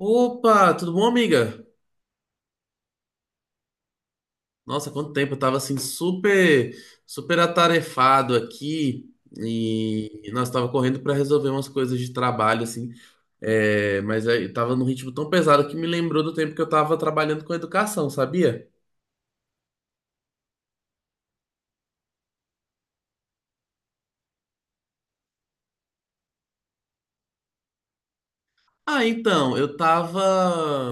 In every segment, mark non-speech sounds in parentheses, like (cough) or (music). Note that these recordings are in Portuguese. Opa, tudo bom, amiga? Nossa, quanto tempo, eu tava assim super atarefado aqui e nós tava correndo pra resolver umas coisas de trabalho assim, mas aí eu tava num ritmo tão pesado que me lembrou do tempo que eu tava trabalhando com educação, sabia? Então, eu tava,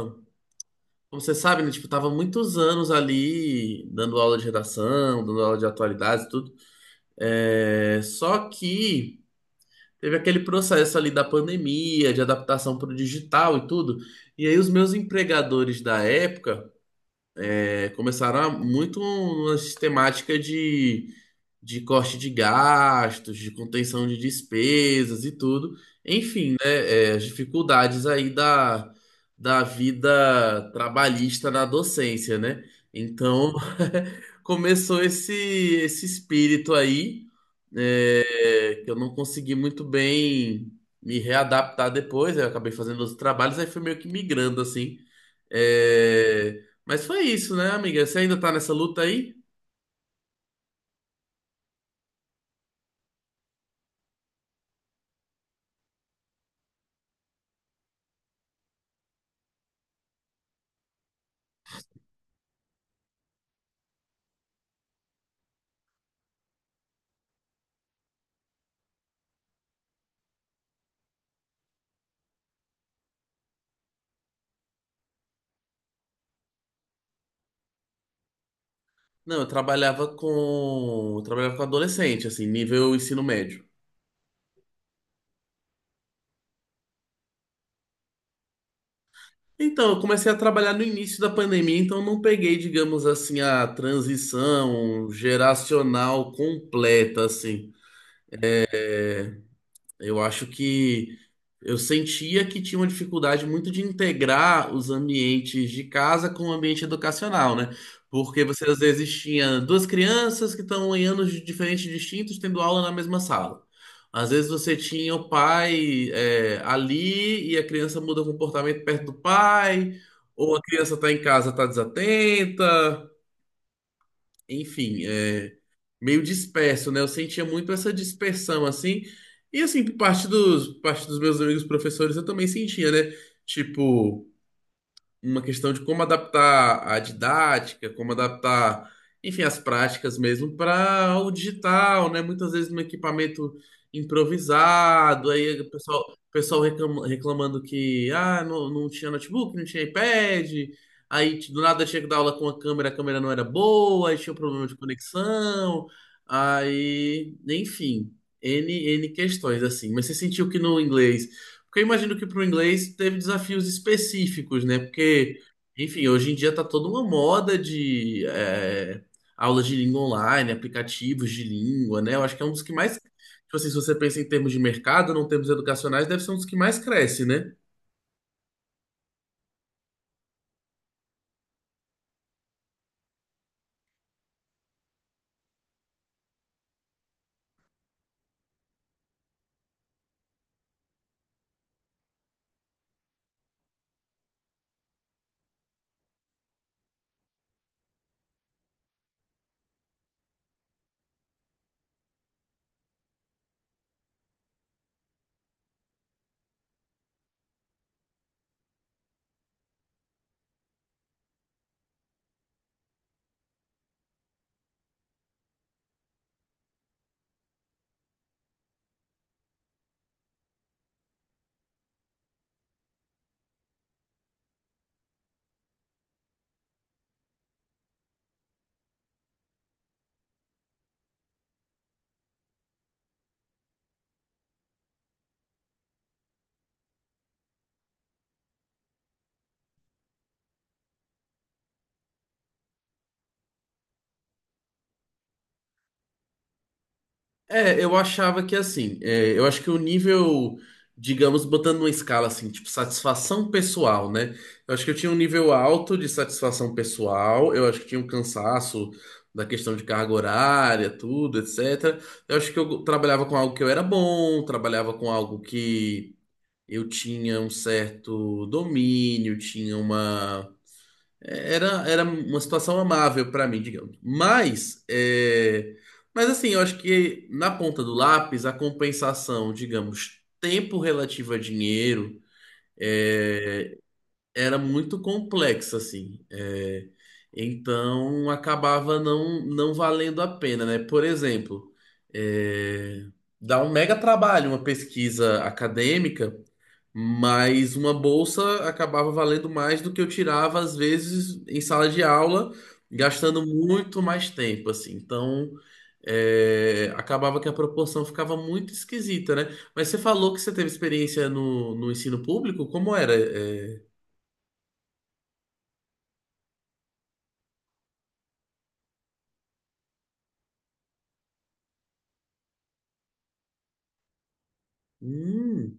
como você sabe, né, tipo, eu tava muitos anos ali dando aula de redação, dando aula de atualidades e tudo. É, só que teve aquele processo ali da pandemia, de adaptação para o digital e tudo. E aí os meus empregadores da época começaram a- muito uma sistemática de corte de gastos, de contenção de despesas e tudo. Enfim, né, as dificuldades aí da vida trabalhista na docência, né? Então (laughs) começou esse espírito aí. Eu não consegui muito bem me readaptar depois, aí eu acabei fazendo outros trabalhos, aí fui meio que migrando assim. É, mas foi isso, né, amiga? Você ainda tá nessa luta aí? Não, eu trabalhava com adolescente, assim, nível ensino médio. Então, eu comecei a trabalhar no início da pandemia, então eu não peguei, digamos assim, a transição geracional completa, assim. Eu acho que eu sentia que tinha uma dificuldade muito de integrar os ambientes de casa com o ambiente educacional, né? Porque você às vezes tinha duas crianças que estão em anos de- diferentes distintos tendo aula na mesma sala. Às vezes você tinha o pai é, ali e a criança muda o comportamento perto do pai, ou a criança está em casa, está desatenta, enfim, é, meio disperso, né? Eu sentia muito essa dispersão, assim. E, assim, por parte dos meus amigos professores, eu também sentia, né? Tipo, uma questão de como adaptar a didática, como adaptar, enfim, as práticas mesmo para o digital, né? Muitas vezes no equipamento improvisado, aí o pessoal reclama- reclamando que ah, não tinha notebook, não tinha iPad, aí do nada tinha que dar aula com a câmera não era boa, aí tinha um problema de conexão, aí, enfim, N, N questões assim. Mas você sentiu que no inglês, porque eu imagino que para o inglês teve desafios específicos, né? Porque, enfim, hoje em dia tá toda uma moda de aulas de língua online, aplicativos de língua, né? Eu acho que é um dos que mais, tipo assim, se você pensa em termos de mercado, não termos educacionais, deve ser um dos que mais cresce, né? É, eu achava que assim, é, eu acho que o nível, digamos, botando numa escala assim, tipo satisfação pessoal, né? Eu acho que eu tinha um nível alto de satisfação pessoal, eu acho que tinha um cansaço da questão de carga horária, tudo, etc. Eu acho que eu trabalhava com algo que eu era bom, trabalhava com algo que eu tinha um certo domínio, tinha uma era uma situação amável pra mim, digamos. Mas, é, mas assim, eu acho que na ponta do lápis, a compensação, digamos, tempo relativo a dinheiro, era muito complexa, assim. É, então, acabava não valendo a pena, né? Por exemplo, é, dá um mega trabalho uma pesquisa acadêmica. Mas uma bolsa acabava valendo mais do que eu tirava, às vezes, em sala de aula, gastando muito mais tempo, assim. Então, é, acabava que a proporção ficava muito esquisita, né? Mas você falou que você teve experiência no, no ensino público? Como era? É, hum,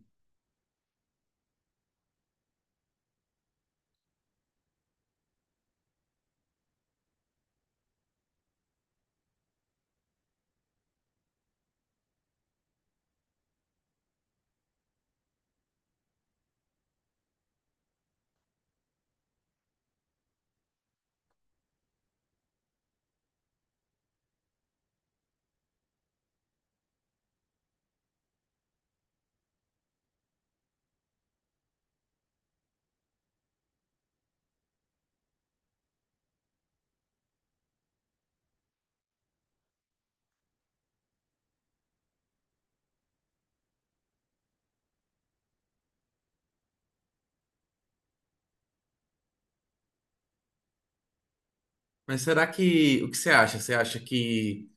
mas será que... O que você acha? Você acha que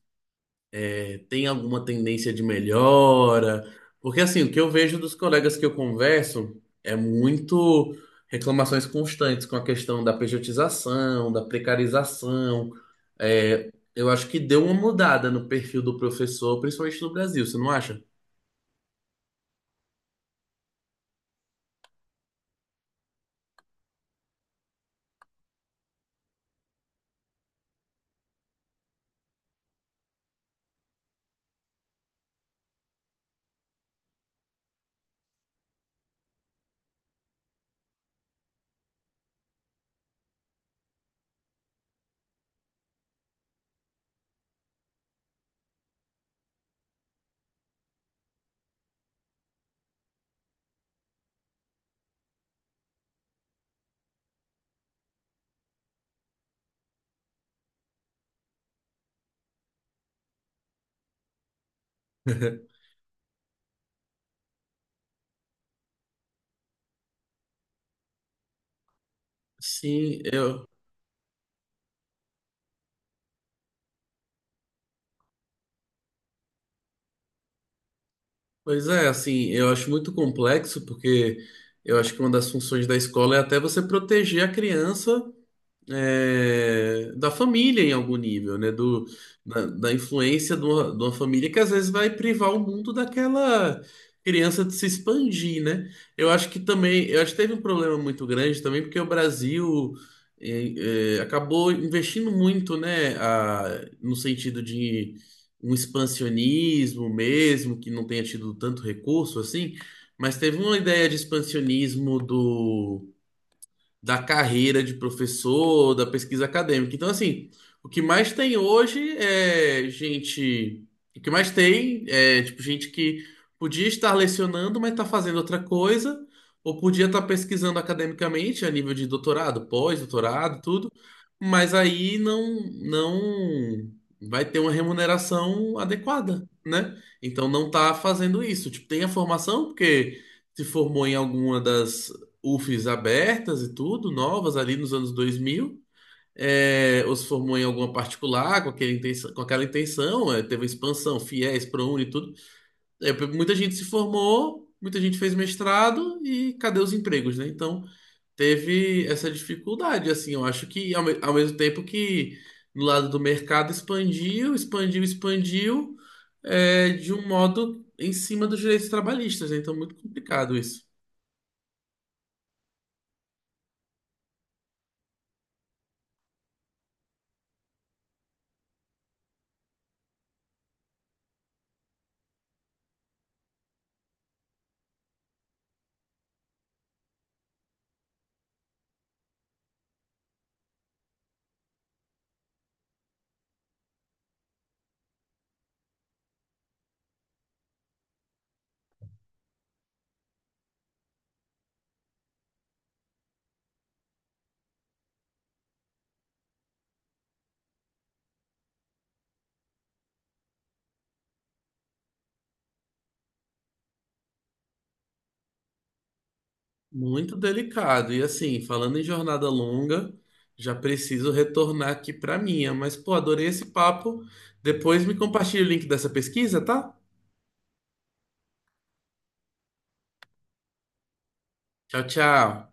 tem alguma tendência de melhora? Porque assim, o que eu vejo dos colegas que eu converso é muito reclamações constantes com a questão da pejotização, da precarização. É, eu acho que deu uma mudada no perfil do professor, principalmente no Brasil, você não acha? (laughs) Sim, eu. Pois é, assim, eu acho muito complexo, porque eu acho que uma das funções da escola é até você proteger a criança é, da família em algum nível, né? Do, da influência de uma família que às vezes vai privar o mundo daquela criança de se expandir, né? Eu acho que também, eu acho que teve um problema muito grande também, porque o Brasil acabou investindo muito, né? A- no sentido de um expansionismo mesmo, que não tenha tido tanto recurso assim, mas teve uma ideia de expansionismo do da carreira de professor, da pesquisa acadêmica. Então, assim, o que mais tem hoje é gente. O que mais tem é, tipo, gente que podia estar lecionando, mas está fazendo outra coisa, ou podia estar pesquisando academicamente a nível de doutorado, pós-doutorado, tudo, mas aí não vai ter uma remuneração adequada, né? Então não está fazendo isso. Tipo, tem a formação, porque se formou em alguma das UFES abertas e tudo, novas ali nos anos 2000. É, ou se formou em alguma particular com, aquele intenção- com aquela intenção, é, teve a expansão, FIES, ProUni e tudo. É, muita gente se formou, muita gente fez mestrado e cadê os empregos, né? Então teve essa dificuldade, assim, eu acho que ao, me- ao mesmo tempo que no lado do mercado expandiu, é, de um modo em cima dos direitos trabalhistas, né? Então muito complicado isso. Muito delicado. E assim, falando em jornada longa, já preciso retornar aqui para minha. Mas, pô, adorei esse papo. Depois me compartilha o link dessa pesquisa, tá? Tchau, tchau.